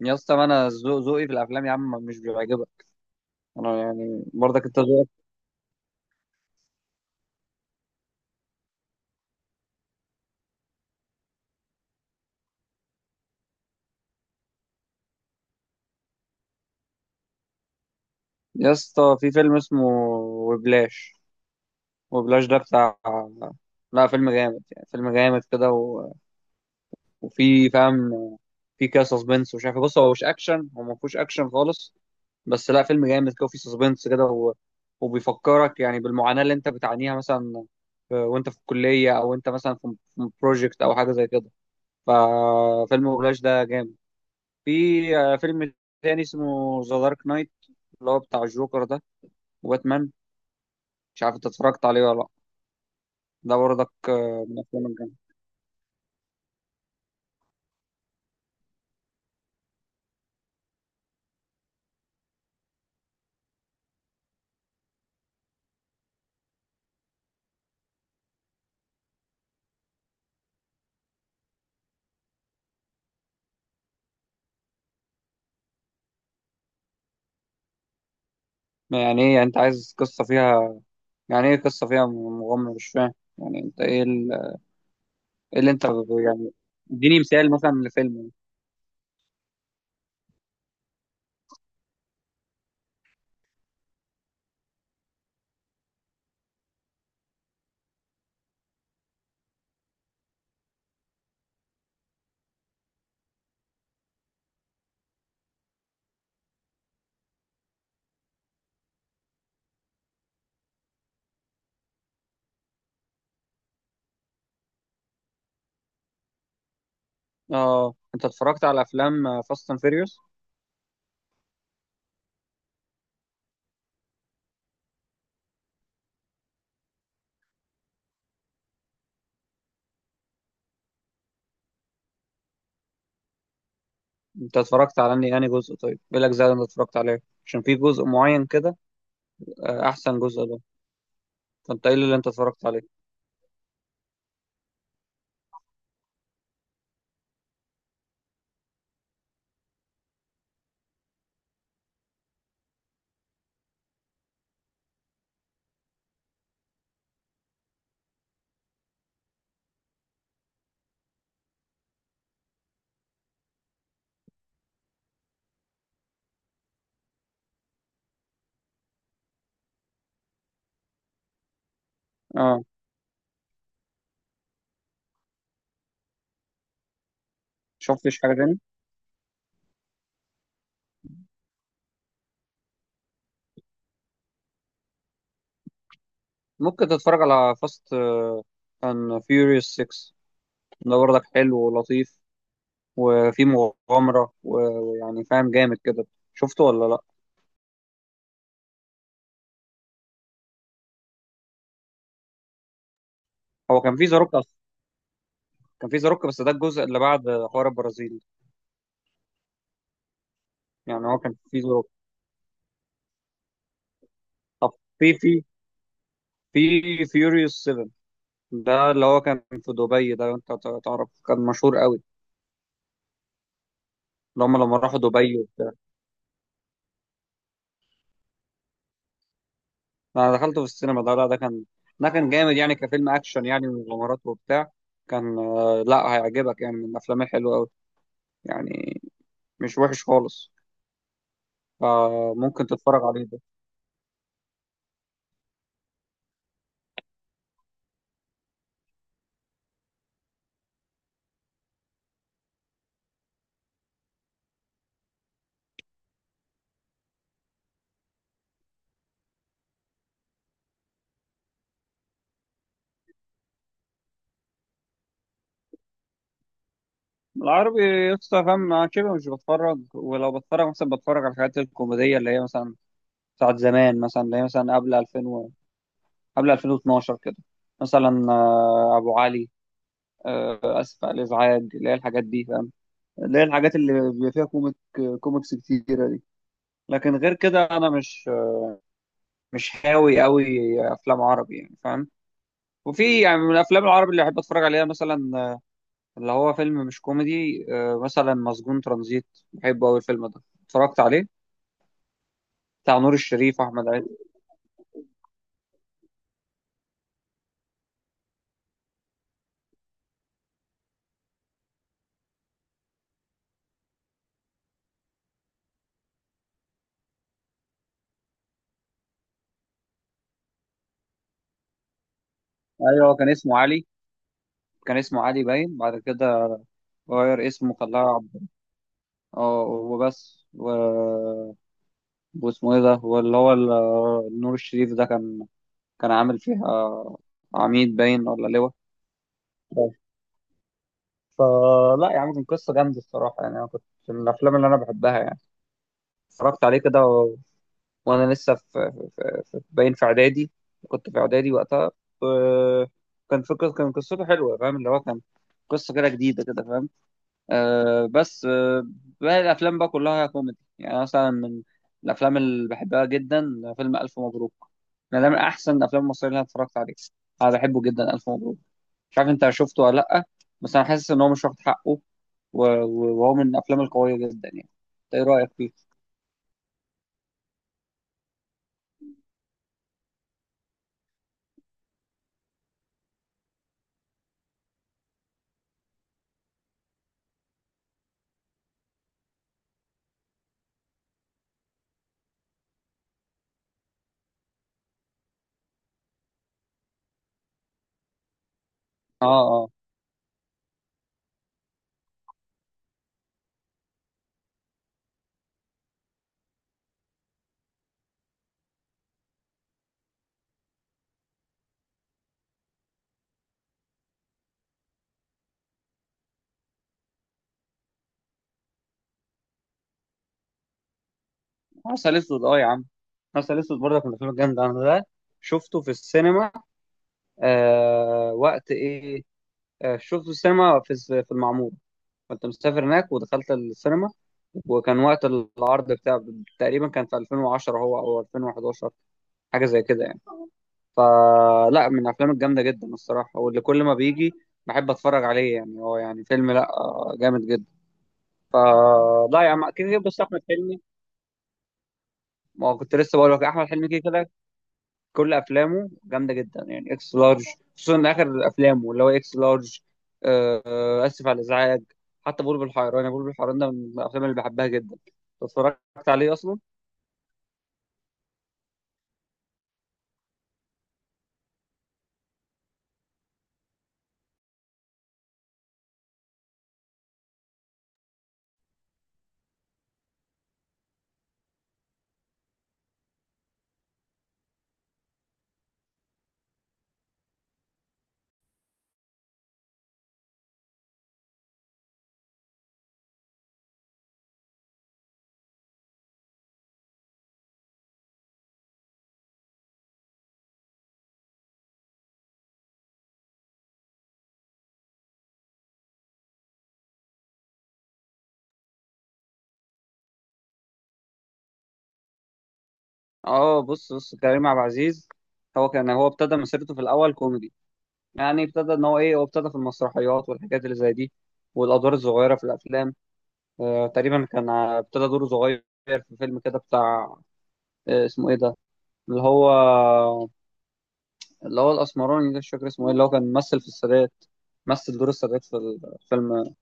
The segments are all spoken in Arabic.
يا اسطى ما انا ذوقي في الافلام يا عم مش بيعجبك. انا يعني برضك انت ذوقك. يا اسطى في فيلم اسمه وبلاش. ده بتاع، لا فيلم جامد يعني فيلم جامد كده وفي فاهم، في كده سسبنس ومش عارف إيه. بص هو مش اكشن هو ما فيهوش اكشن خالص، بس لا فيلم جامد كده وفي سسبنس كده وبيفكرك يعني بالمعاناة اللي انت بتعانيها مثلا، وانت في الكلية او انت مثلا في بروجكت او حاجة زي كده. ففيلم وبلاش ده جامد. في فيلم تاني اسمه ذا دارك نايت، اللي هو بتاع الجوكر ده وباتمان. مش عارف انت اتفرجت عليه ولا لا. ده برضك من الافلام الجامده. يعني ايه، يعني انت عايز قصه فيها؟ يعني ايه قصه فيها مغامره؟ مش فاهم يعني انت ايه ايه اللي انت يعني اديني مثال مثلا لفيلم. اه، انت اتفرجت على افلام فاست اند فيريوس؟ انت اتفرجت على اني يعني جزء؟ طيب ايه الاجزاء اللي انت اتفرجت عليها؟ عشان في جزء معين كده، احسن جزء ده. فانت ايه اللي انت اتفرجت عليه؟ اه، شفتش حاجه تاني؟ ممكن تتفرج على فاست اند فيوريوس 6، ده برضك حلو ولطيف وفي مغامرة ويعني فاهم جامد كده. شفته ولا لا؟ هو كان في زاروك اصلا؟ كان في زاروك بس ده الجزء اللي بعد حوار البرازيل. يعني هو كان في زاروك. طب في في في فيوريوس 7، ده اللي هو كان في دبي ده، انت تعرف كان مشهور قوي، اللي هم لما راحوا دبي. انا دخلته في السينما ده. لا ده كان، ده كان جامد يعني كفيلم اكشن يعني ومغامرات وبتاع. كان لا هيعجبك يعني، من الافلام الحلوه قوي يعني، مش وحش خالص. فممكن تتفرج عليه ده. العربي لسه فاهم، أنا شبه مش بتفرج، ولو بتفرج مثلا بتفرج على الحاجات الكوميديه اللي هي مثلا بتاعت زمان، مثلا اللي هي مثلا قبل 2000 قبل 2012 كده، مثلا ابو علي، اسف على الازعاج، اللي هي الحاجات دي فاهم، اللي هي الحاجات اللي بيبقى فيها كوميك كوميكس كتيره دي. لكن غير كده انا مش هاوي قوي افلام عربي يعني فاهم. وفي يعني من الافلام العربي اللي بحب اتفرج عليها، مثلا اللي هو فيلم مش كوميدي، مثلا مسجون ترانزيت، بحبه قوي الفيلم ده، اتفرجت عليه، بتاع نور الشريف واحمد عز. ايوه، هو كان اسمه علي، كان اسمه علي باين بعد كده غير اسمه خلاه عبد. اه وبس واسمه ايه ده، واللي هو نور الشريف ده كان كان عامل فيها عميد باين ولا لواء. فلا يا عم كان قصة جامدة الصراحة يعني، أنا كنت من الأفلام اللي أنا بحبها يعني. اتفرجت عليه كده وانا لسه في, باين في اعدادي، كنت في اعدادي وقتها. آه، كان فكرة، كان قصته حلوه فاهم، اللي هو كان قصه كده جديده كده فاهم. آه بس آه باقي الافلام بقى كلها كوميدي، يعني مثلا من الافلام اللي بحبها جدا فيلم الف مبروك. انا ده من احسن الافلام المصريه اللي انا اتفرجت عليها. انا بحبه جدا الف مبروك. مش عارف انت شفته ولا لا، بس انا حاسس ان هو مش واخد حقه، وهو من الافلام القويه جدا يعني. إنت ايه رايك فيه؟ اه، اه. عسل اسود، اه يا عم، عسل اسود برضك من الافلام الجامده، انا ده شفته في السينما. وقت ايه؟ شفته في السينما في في المعموره. كنت مسافر هناك ودخلت السينما، وكان وقت العرض بتاع تقريبا كان في 2010 هو او 2011، حاجه زي كده يعني. فلا من الافلام الجامده جدا الصراحه، واللي كل ما بيجي بحب اتفرج عليه يعني هو، يعني فيلم لا جامد جدا. فلا يا عم كده كده بس احمد حلمي. ما هو كنت لسه بقول لك، احمد حلمي كده كده كل افلامه جامده جدا يعني، اكس لارج خصوصا اخر افلامه اللي هو اكس لارج. اسف على الازعاج. حتى بلبل الحيران، بلبل الحيران ده من الافلام اللي بحبها جدا، اتفرجت عليه اصلا. اه بص بص كريم عبد العزيز، هو كان هو ابتدى مسيرته في الاول كوميدي، يعني ابتدى ان هو ايه، هو ابتدى في المسرحيات والحاجات اللي زي دي والادوار الصغيره في الافلام. تقريبا كان ابتدى دوره صغير في فيلم كده بتاع، اسمه ايه ده، اللي هو اللي هو الاسمراني ده مش فاكر اسمه ايه، اللي هو كان ممثل في السادات، مثل دور السادات في فيلم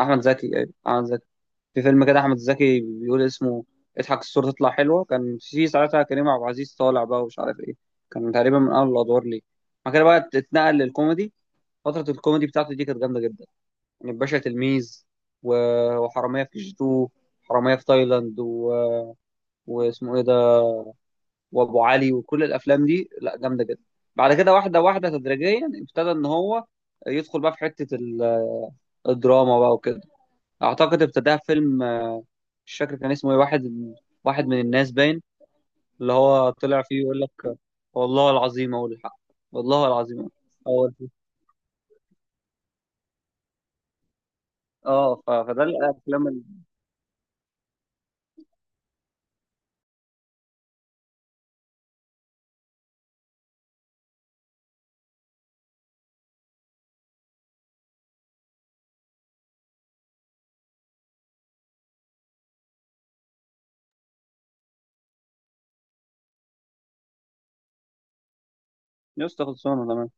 احمد زكي. ايوه احمد زكي، في فيلم كده احمد زكي بيقول اسمه اضحك الصورة تطلع حلوة، كان في ساعتها كريم عبد العزيز طالع بقى ومش عارف ايه. كان تقريبا من اول الادوار ليه. بعد كده بقى اتنقل للكوميدي. فترة الكوميدي بتاعته دي كانت جامدة جدا، يعني باشا تلميذ وحرامية في كي جي 2، حرامية في تايلاند واسمه ايه ده، وابو علي، وكل الافلام دي لا جامده جدا. بعد كده واحده واحده تدريجيا ابتدى ان هو يدخل بقى في حته الدراما بقى وكده. اعتقد ابتداها في فيلم مش فاكر كان اسمه ايه، واحد، واحد من الناس باين. اللي هو طلع فيه يقول لك والله العظيم اقول الحق، والله العظيم اقول الحق. اه فده الافلام اللي يسطا خلصانه تمام